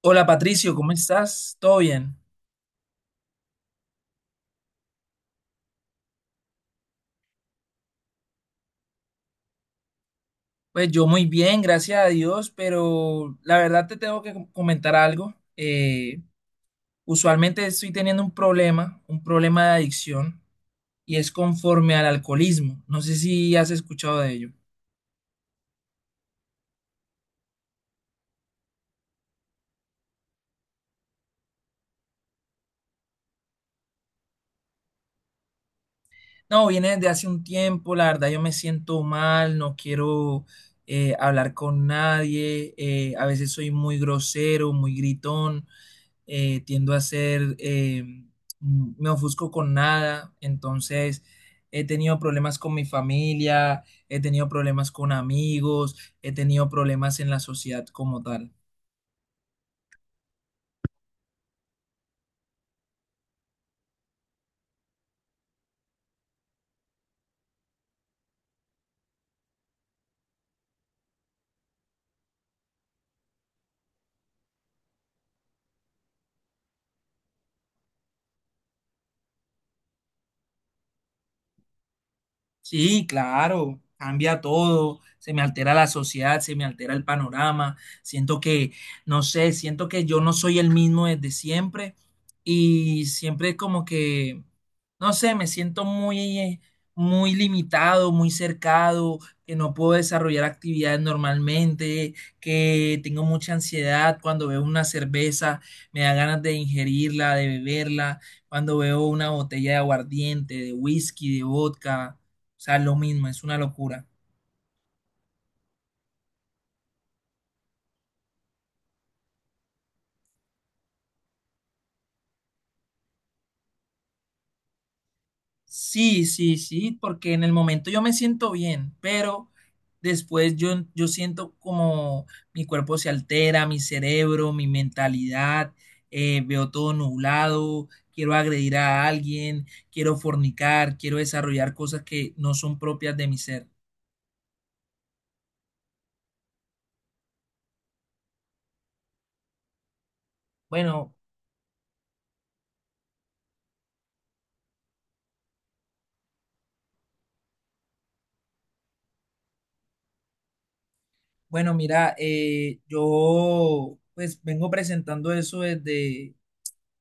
Hola Patricio, ¿cómo estás? ¿Todo bien? Pues yo muy bien, gracias a Dios, pero la verdad te tengo que comentar algo. Usualmente estoy teniendo un problema de adicción, y es conforme al alcoholismo. No sé si has escuchado de ello. No, viene desde hace un tiempo, la verdad yo me siento mal, no quiero hablar con nadie, a veces soy muy grosero, muy gritón. Tiendo a ser, me ofusco con nada, entonces he tenido problemas con mi familia, he tenido problemas con amigos, he tenido problemas en la sociedad como tal. Sí, claro, cambia todo, se me altera la sociedad, se me altera el panorama, siento que, no sé, siento que yo no soy el mismo desde siempre y siempre es como que, no sé, me siento muy, muy limitado, muy cercado, que no puedo desarrollar actividades normalmente, que tengo mucha ansiedad cuando veo una cerveza, me da ganas de ingerirla, de beberla, cuando veo una botella de aguardiente, de whisky, de vodka. O sea, lo mismo, es una locura. Sí, sí, sí, porque en el momento yo me siento bien, pero después yo siento como mi cuerpo se altera, mi cerebro, mi mentalidad, veo todo nublado, quiero agredir a alguien, quiero fornicar, quiero desarrollar cosas que no son propias de mi ser. Bueno, bueno, mira, yo pues vengo presentando eso desde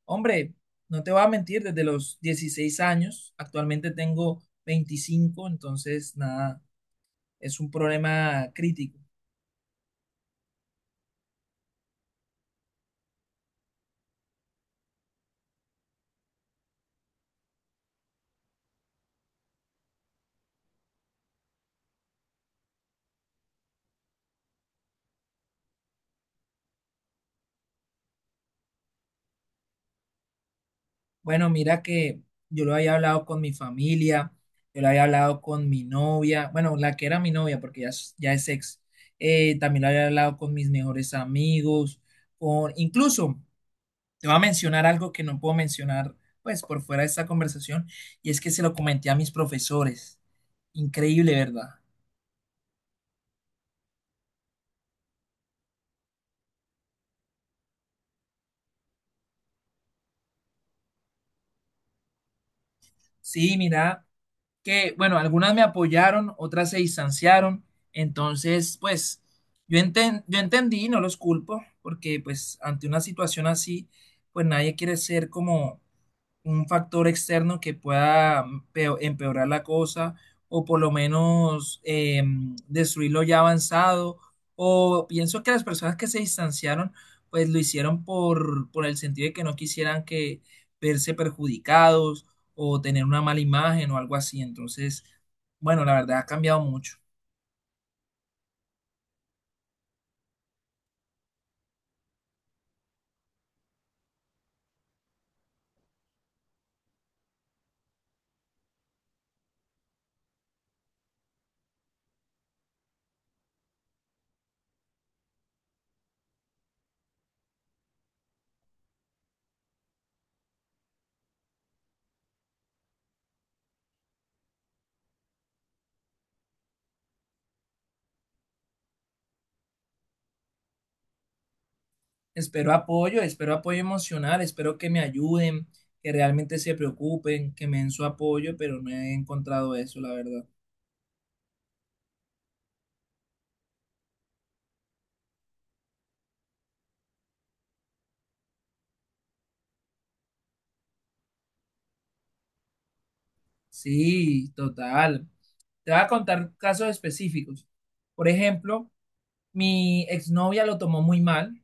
Hombre, no te voy a mentir, desde los 16 años, actualmente tengo 25, entonces nada, es un problema crítico. Bueno, mira que yo lo había hablado con mi familia, yo lo había hablado con mi novia, bueno, la que era mi novia, porque ya, ya es ex. También lo había hablado con mis mejores amigos, con, incluso te voy a mencionar algo que no puedo mencionar, pues, por fuera de esta conversación, y es que se lo comenté a mis profesores. Increíble, ¿verdad? Sí, mira, que bueno, algunas me apoyaron, otras se distanciaron, entonces, pues, yo entendí, no los culpo, porque pues ante una situación así, pues nadie quiere ser como un factor externo que pueda empeorar la cosa o por lo menos destruir lo ya avanzado. O pienso que las personas que se distanciaron, pues lo hicieron por el sentido de que no quisieran que verse perjudicados o tener una mala imagen o algo así. Entonces, bueno, la verdad ha cambiado mucho. Espero apoyo emocional, espero que me ayuden, que realmente se preocupen, que me den su apoyo, pero no he encontrado eso, la verdad. Sí, total. Te voy a contar casos específicos. Por ejemplo, mi exnovia lo tomó muy mal,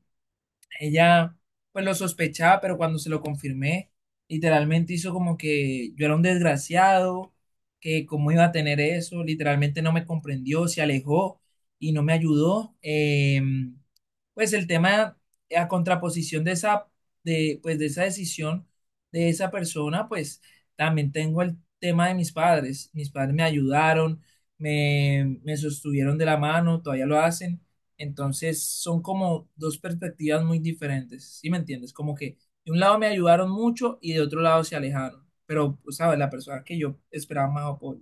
ella pues lo sospechaba, pero cuando se lo confirmé, literalmente hizo como que yo era un desgraciado, que cómo iba a tener eso, literalmente no me comprendió, se alejó y no me ayudó. Pues el tema, a contraposición de esa, de, pues de esa decisión de esa persona, pues también tengo el tema de mis padres. Mis padres me ayudaron, me sostuvieron de la mano, todavía lo hacen, entonces son como dos perspectivas muy diferentes, ¿sí me entiendes? Como que de un lado me ayudaron mucho y de otro lado se alejaron, pero, pues, ¿sabes? La persona que yo esperaba más apoyo.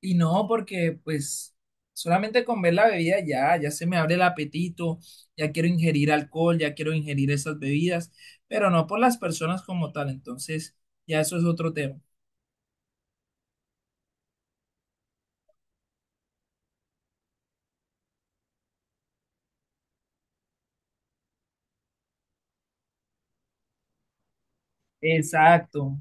Y no porque, pues, solamente con ver la bebida ya, ya se me abre el apetito, ya quiero ingerir alcohol, ya quiero ingerir esas bebidas, pero no por las personas como tal, entonces ya eso es otro tema. Exacto.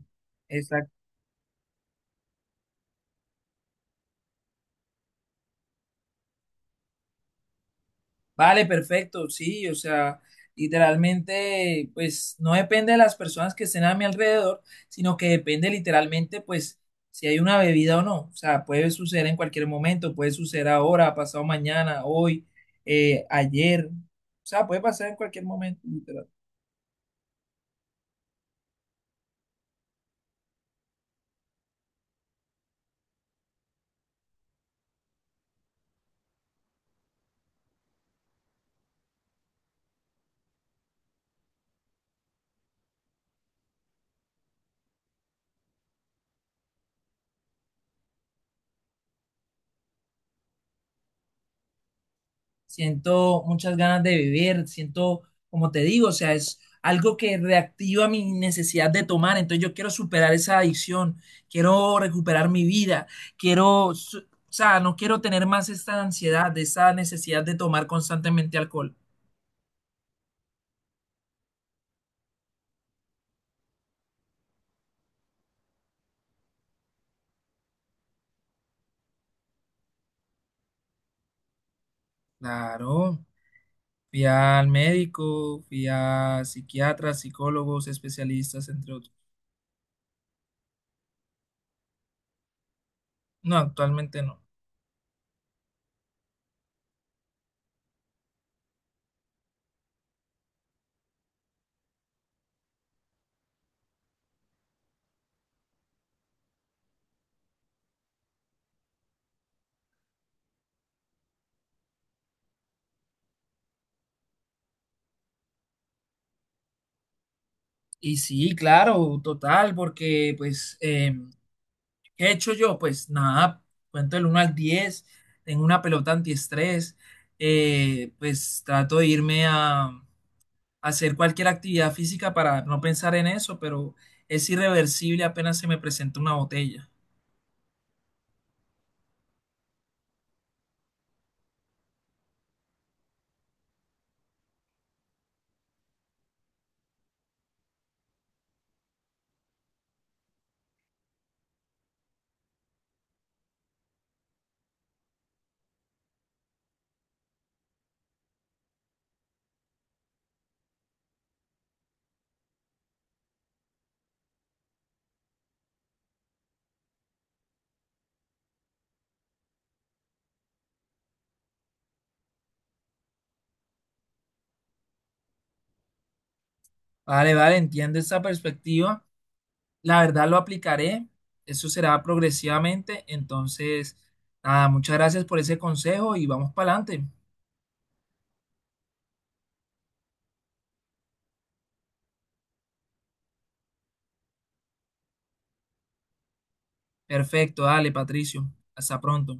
Vale, perfecto, sí, o sea, literalmente, pues no depende de las personas que estén a mi alrededor, sino que depende literalmente, pues, si hay una bebida o no. O sea, puede suceder en cualquier momento, puede suceder ahora, pasado mañana, hoy, ayer. O sea, puede pasar en cualquier momento, literal. Siento muchas ganas de vivir, siento, como te digo, o sea, es algo que reactiva mi necesidad de tomar, entonces yo quiero superar esa adicción, quiero recuperar mi vida, quiero, o sea, no quiero tener más esta ansiedad, de esa necesidad de tomar constantemente alcohol. Claro, fui al médico, fui a psiquiatras, psicólogos, especialistas, entre otros. No, actualmente no. Y sí, claro, total, porque pues... ¿Qué he hecho yo? Pues nada, cuento del uno al 10, tengo una pelota antiestrés, pues trato de irme a hacer cualquier actividad física para no pensar en eso, pero es irreversible apenas se me presenta una botella. Vale, entiendo esa perspectiva. La verdad lo aplicaré, eso será progresivamente, entonces, nada, muchas gracias por ese consejo y vamos para adelante. Perfecto, dale, Patricio, hasta pronto.